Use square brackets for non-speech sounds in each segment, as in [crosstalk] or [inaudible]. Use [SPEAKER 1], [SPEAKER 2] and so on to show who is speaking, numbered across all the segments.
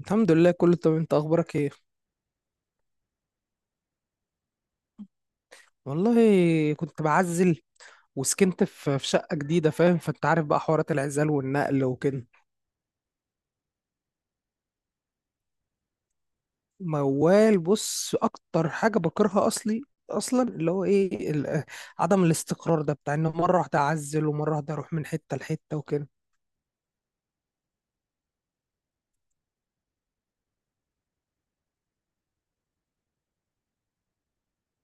[SPEAKER 1] الحمد لله كله تمام. انت اخبارك ايه؟ والله كنت بعزل، وسكنت في شقة جديدة، فاهم؟ فانت عارف بقى حوارات العزال والنقل وكده. موال، بص اكتر حاجة بكرهها اصلي اصلا اللي هو ايه ال- عدم الاستقرار ده، بتاع ان مرة واحدة اعزل ومرة واحدة اروح من حتة لحتة وكده.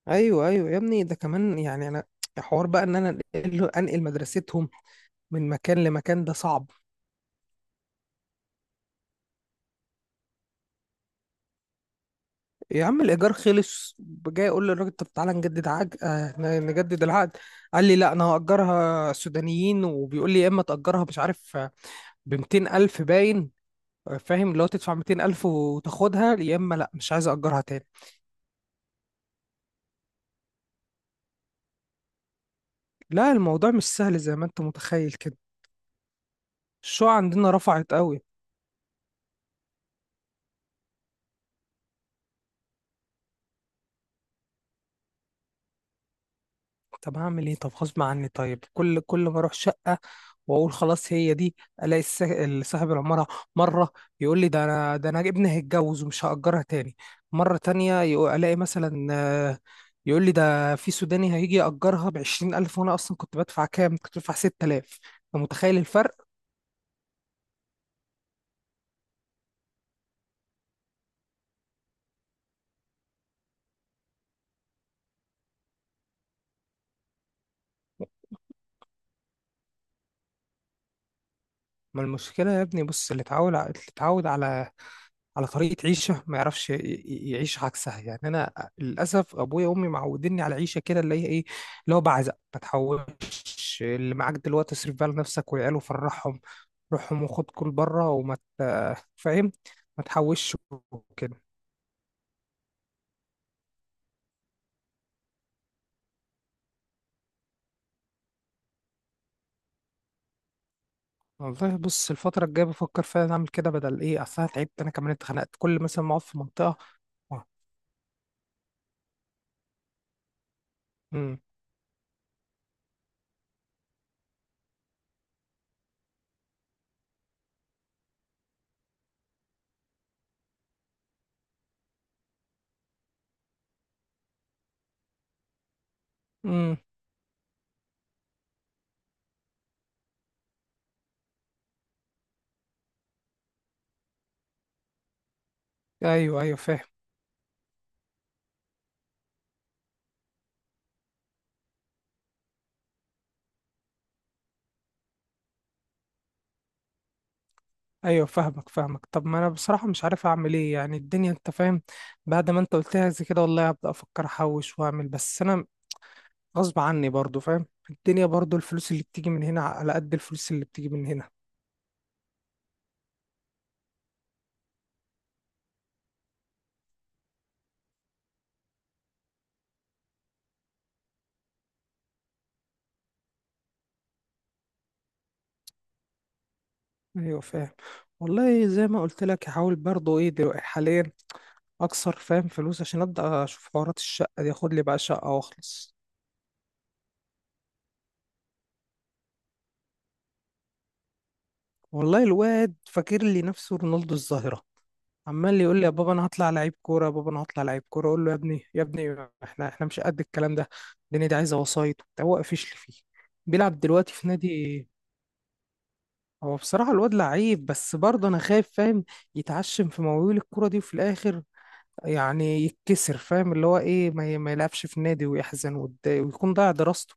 [SPEAKER 1] ايوه ايوه يا ابني، ده كمان يعني انا، حوار بقى ان انا انقل مدرستهم من مكان لمكان، ده صعب. يا عم الايجار خلص، جاي اقول للراجل طب تعالى نجدد عقد، نجدد العقد. قال لي لا انا هاجرها سودانيين، وبيقول لي يا اما تاجرها مش عارف، ب 200 الف باين. فاهم؟ لو تدفع 200 الف وتاخدها، يا اما لا مش عايز اجرها تاني. لا الموضوع مش سهل زي ما انت متخيل كده، الشقق عندنا رفعت قوي. طب هعمل ايه؟ طب غصب عني. طيب كل ما اروح شقه واقول خلاص هي دي، الاقي الس- صاحب العماره مره يقول لي ده انا، ده انا ابني هيتجوز ومش هاجرها تاني. مره تانية الاقي مثلا، يقول لي ده في سوداني هيجي ياجرها ب20 ألف، وانا اصلا كنت بدفع كام؟ كنت بدفع 6000. انت متخيل الفرق؟ ما المشكله يا ابني بص، اللي اتعود على على طريقة عيشة ما يعرفش يعيش عكسها. يعني أنا للأسف أبويا وأمي معوديني على عيشة كده اللي هي إيه، اللي هو بعزق ما تحوش. اللي معاك دلوقتي اصرف بقى لنفسك والعيال وفرحهم روحهم، وخد كل بره فاهم؟ ما تحوش وكده. والله بص الفترة الجاية بفكر فعلا أعمل كده، بدل إيه؟ أصل أنا تعبت، أنا كمان اتخنقت كل مثلا ما أقعد في منطقة. امم امم أيوه أيوه فاهم. ايوه فاهمك فاهمك. طب ما انا بصراحه مش عارف اعمل ايه يعني، الدنيا انت فاهم. بعد ما انت قلتها زي كده والله هبدا افكر احوش واعمل، بس انا غصب عني برضو فاهم؟ الدنيا برضو، الفلوس اللي بتيجي من هنا على قد الفلوس اللي بتيجي من هنا. ايوه فاهم، والله زي ما قلت لك هحاول برضو، ايه دلوقتي حاليا اكسر فاهم فلوس عشان ابدا اشوف حوارات الشقه دي، اخد لي بقى شقه واخلص. والله الواد فاكر لي نفسه رونالدو الظاهره، عمال يقول لي يا بابا انا هطلع لعيب كوره، يا بابا انا هطلع لعيب كوره. اقول له يا ابني يا ابني احنا مش قد الكلام ده، الدنيا دي عايزه وسايط وبتاع. هو قفش لي فيه، بيلعب دلوقتي في نادي. هو بصراحه الواد لعيب، بس برضه انا خايف فاهم، يتعشم في مواويل الكوره دي وفي الاخر يعني يتكسر. فاهم اللي هو ايه، ما يلعبش في نادي ويحزن ويتضايق ويكون ضايع دراسته.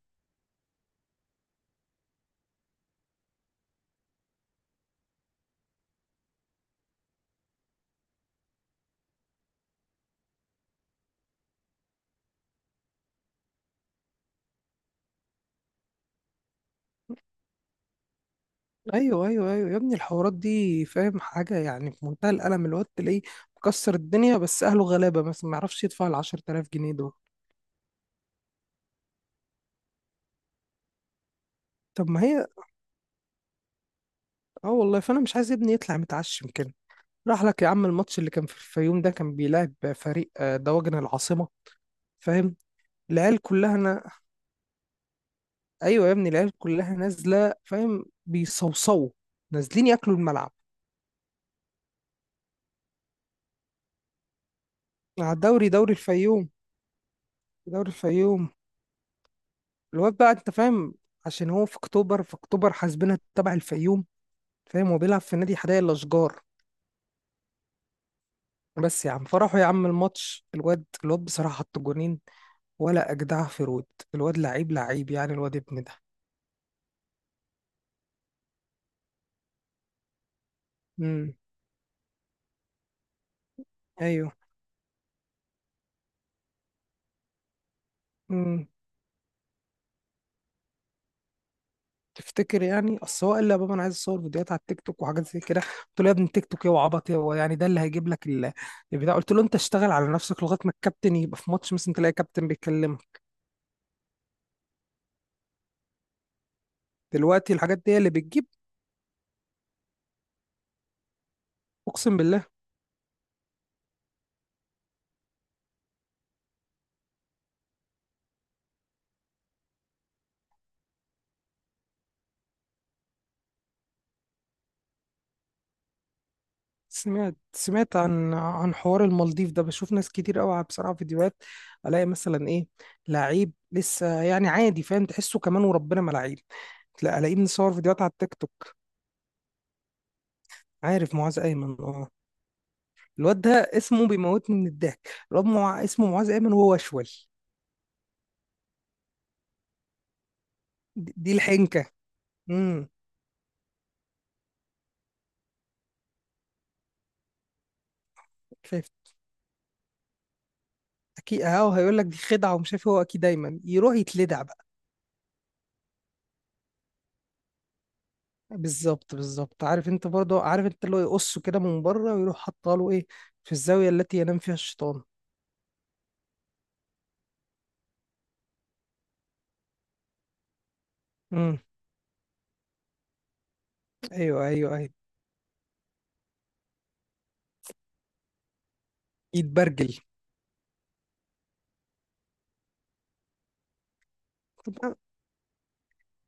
[SPEAKER 1] ايوه ايوه ايوه يا ابني الحوارات دي، فاهم حاجه؟ يعني في منتهى الالم، الواد تلاقيه مكسر الدنيا بس اهله غلابه مثلا ما يعرفش يدفع ال 10000 جنيه دول. طب ما هي، اه والله فانا مش عايز ابني يطلع متعشم كده. راح لك يا عم الماتش اللي كان في الفيوم ده، كان بيلعب فريق دواجن العاصمه، فاهم؟ العيال كلها انا، ايوه يا ابني العيال كلها نازله فاهم، بيصوصوا نازلين ياكلوا الملعب. على الدوري، دوري الفيوم، دوري الفيوم. الواد بقى انت فاهم، عشان هو في اكتوبر، في اكتوبر حاسبنا تبع الفيوم. فاهم؟ هو بيلعب في نادي حدائق الاشجار. بس يا عم فرحوا يا عم الماتش، الواد الواد بصراحه حط جونين ولا اجدع في رود، الواد لعيب لعيب يعني، الواد ابن ده. امم. ايوه. امم. تفتكر يعني؟ اصل هو قال لي يا بابا انا عايز اصور فيديوهات على التيك توك وحاجات زي كده. قلت له يا ابني التيك توك ايه وعبط ايه؟ هو يعني ده اللي هيجيب لك ال- البتاع؟ قلت له انت اشتغل على نفسك لغايه ما الكابتن يبقى في ماتش مثلا تلاقي كابتن بيتكلمك. دلوقتي الحاجات دي هي اللي بتجيب؟ اقسم بالله. سمعت، سمعت عن حوار المالديف ده، بشوف ناس كتير قوي بصراحه فيديوهات، الاقي مثلا ايه، لعيب لسه يعني عادي فاهم، تحسه كمان وربنا ما لعيب. لا، الاقيه مصور فيديوهات على التيك توك. عارف معاذ ايمن؟ اه. الواد ده اسمه بيموتني من الضحك، الواد مع... اسمه معاذ ايمن وهو اشول. دي الحنكه. امم. شايف؟ اكيد اهو هيقول لك دي خدعه ومش عارف هو اكيد دايما يروح يتلدع بقى. بالظبط بالظبط. عارف انت، برضه عارف انت، اللي هو يقصه كده من بره ويروح حاطه له ايه، في الزاويه التي ينام فيها الشيطان. امم. ايوه ايوه ايوه. يتبرجل. طب يا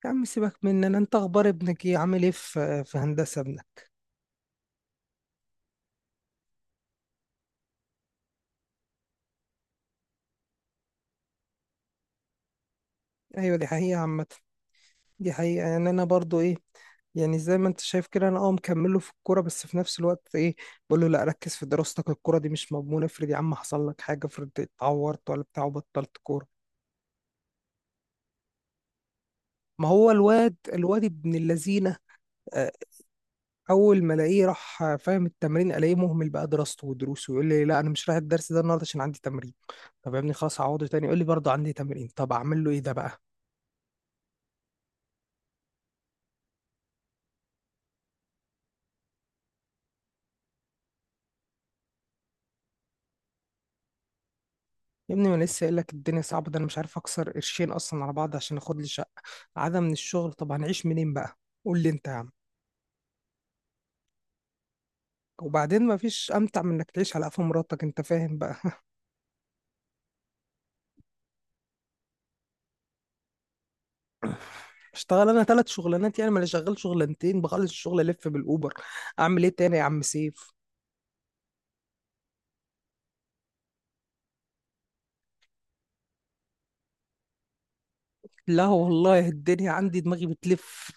[SPEAKER 1] يا عم سيبك مننا، انت اخبار ابنك ايه، عامل ايه في هندسه ابنك؟ ايوه دي حقيقه عامه، دي حقيقة. يعني أنا برضو إيه، يعني زي ما أنت شايف كده أنا أه مكمله في الكورة، بس في نفس الوقت إيه، بقول له لا ركز في دراستك، الكورة دي مش مضمونة. افرض يا عم حصل لك حاجة، افرض اتعورت ولا بتاع وبطلت كورة. ما هو الواد، الواد ابن اللذينة، آه، أول ما ألاقيه راح فاهم التمرين، ألاقيه مهمل بقى دراسته ودروسه. يقول لي لا أنا مش رايح الدرس ده النهاردة عشان عندي تمرين. طب يا ابني خلاص هعوضه تاني، يقول لي برضه عندي تمرين. طب أعمل له إيه ده بقى؟ يا ابني ما أنا لسه قايل لك الدنيا صعبه، ده انا مش عارف اكسر قرشين اصلا على بعض عشان اخد لي شقه. عدم من الشغل، طب هنعيش منين بقى؟ قول لي انت يا عم. وبعدين ما فيش امتع من انك تعيش على قفا مراتك، انت فاهم بقى؟ [laughs] اشتغل انا 3 شغلانات يعني؟ ما انا شغال شغلانتين، بخلص الشغل الف بالاوبر، اعمل ايه تاني يا عم سيف؟ لا والله الدنيا عندي دماغي بتلف.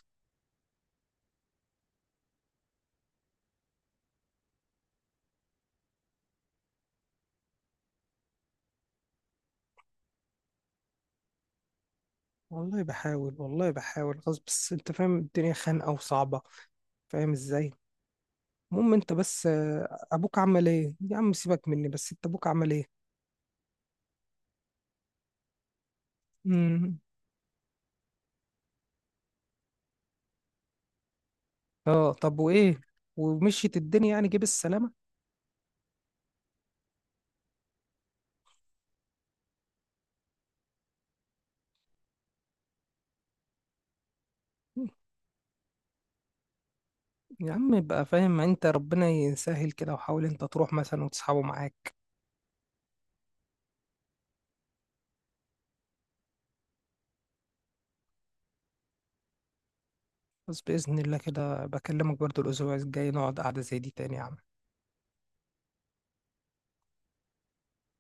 [SPEAKER 1] والله بحاول خلاص، بس انت فاهم الدنيا خانقه وصعبه، فاهم ازاي؟ المهم انت بس، ابوك عمل ايه؟ يا عم سيبك مني، بس انت ابوك عمل ايه؟ مم. اه طب وايه؟ ومشيت الدنيا يعني؟ جيب السلامة. يا عم يبقى فاهم انت، ربنا يسهل كده وحاول انت تروح مثلا وتسحبه معاك. بس بإذن الله كده بكلمك برضو الأسبوع الجاي، نقعد قعدة زي دي تاني يا عم.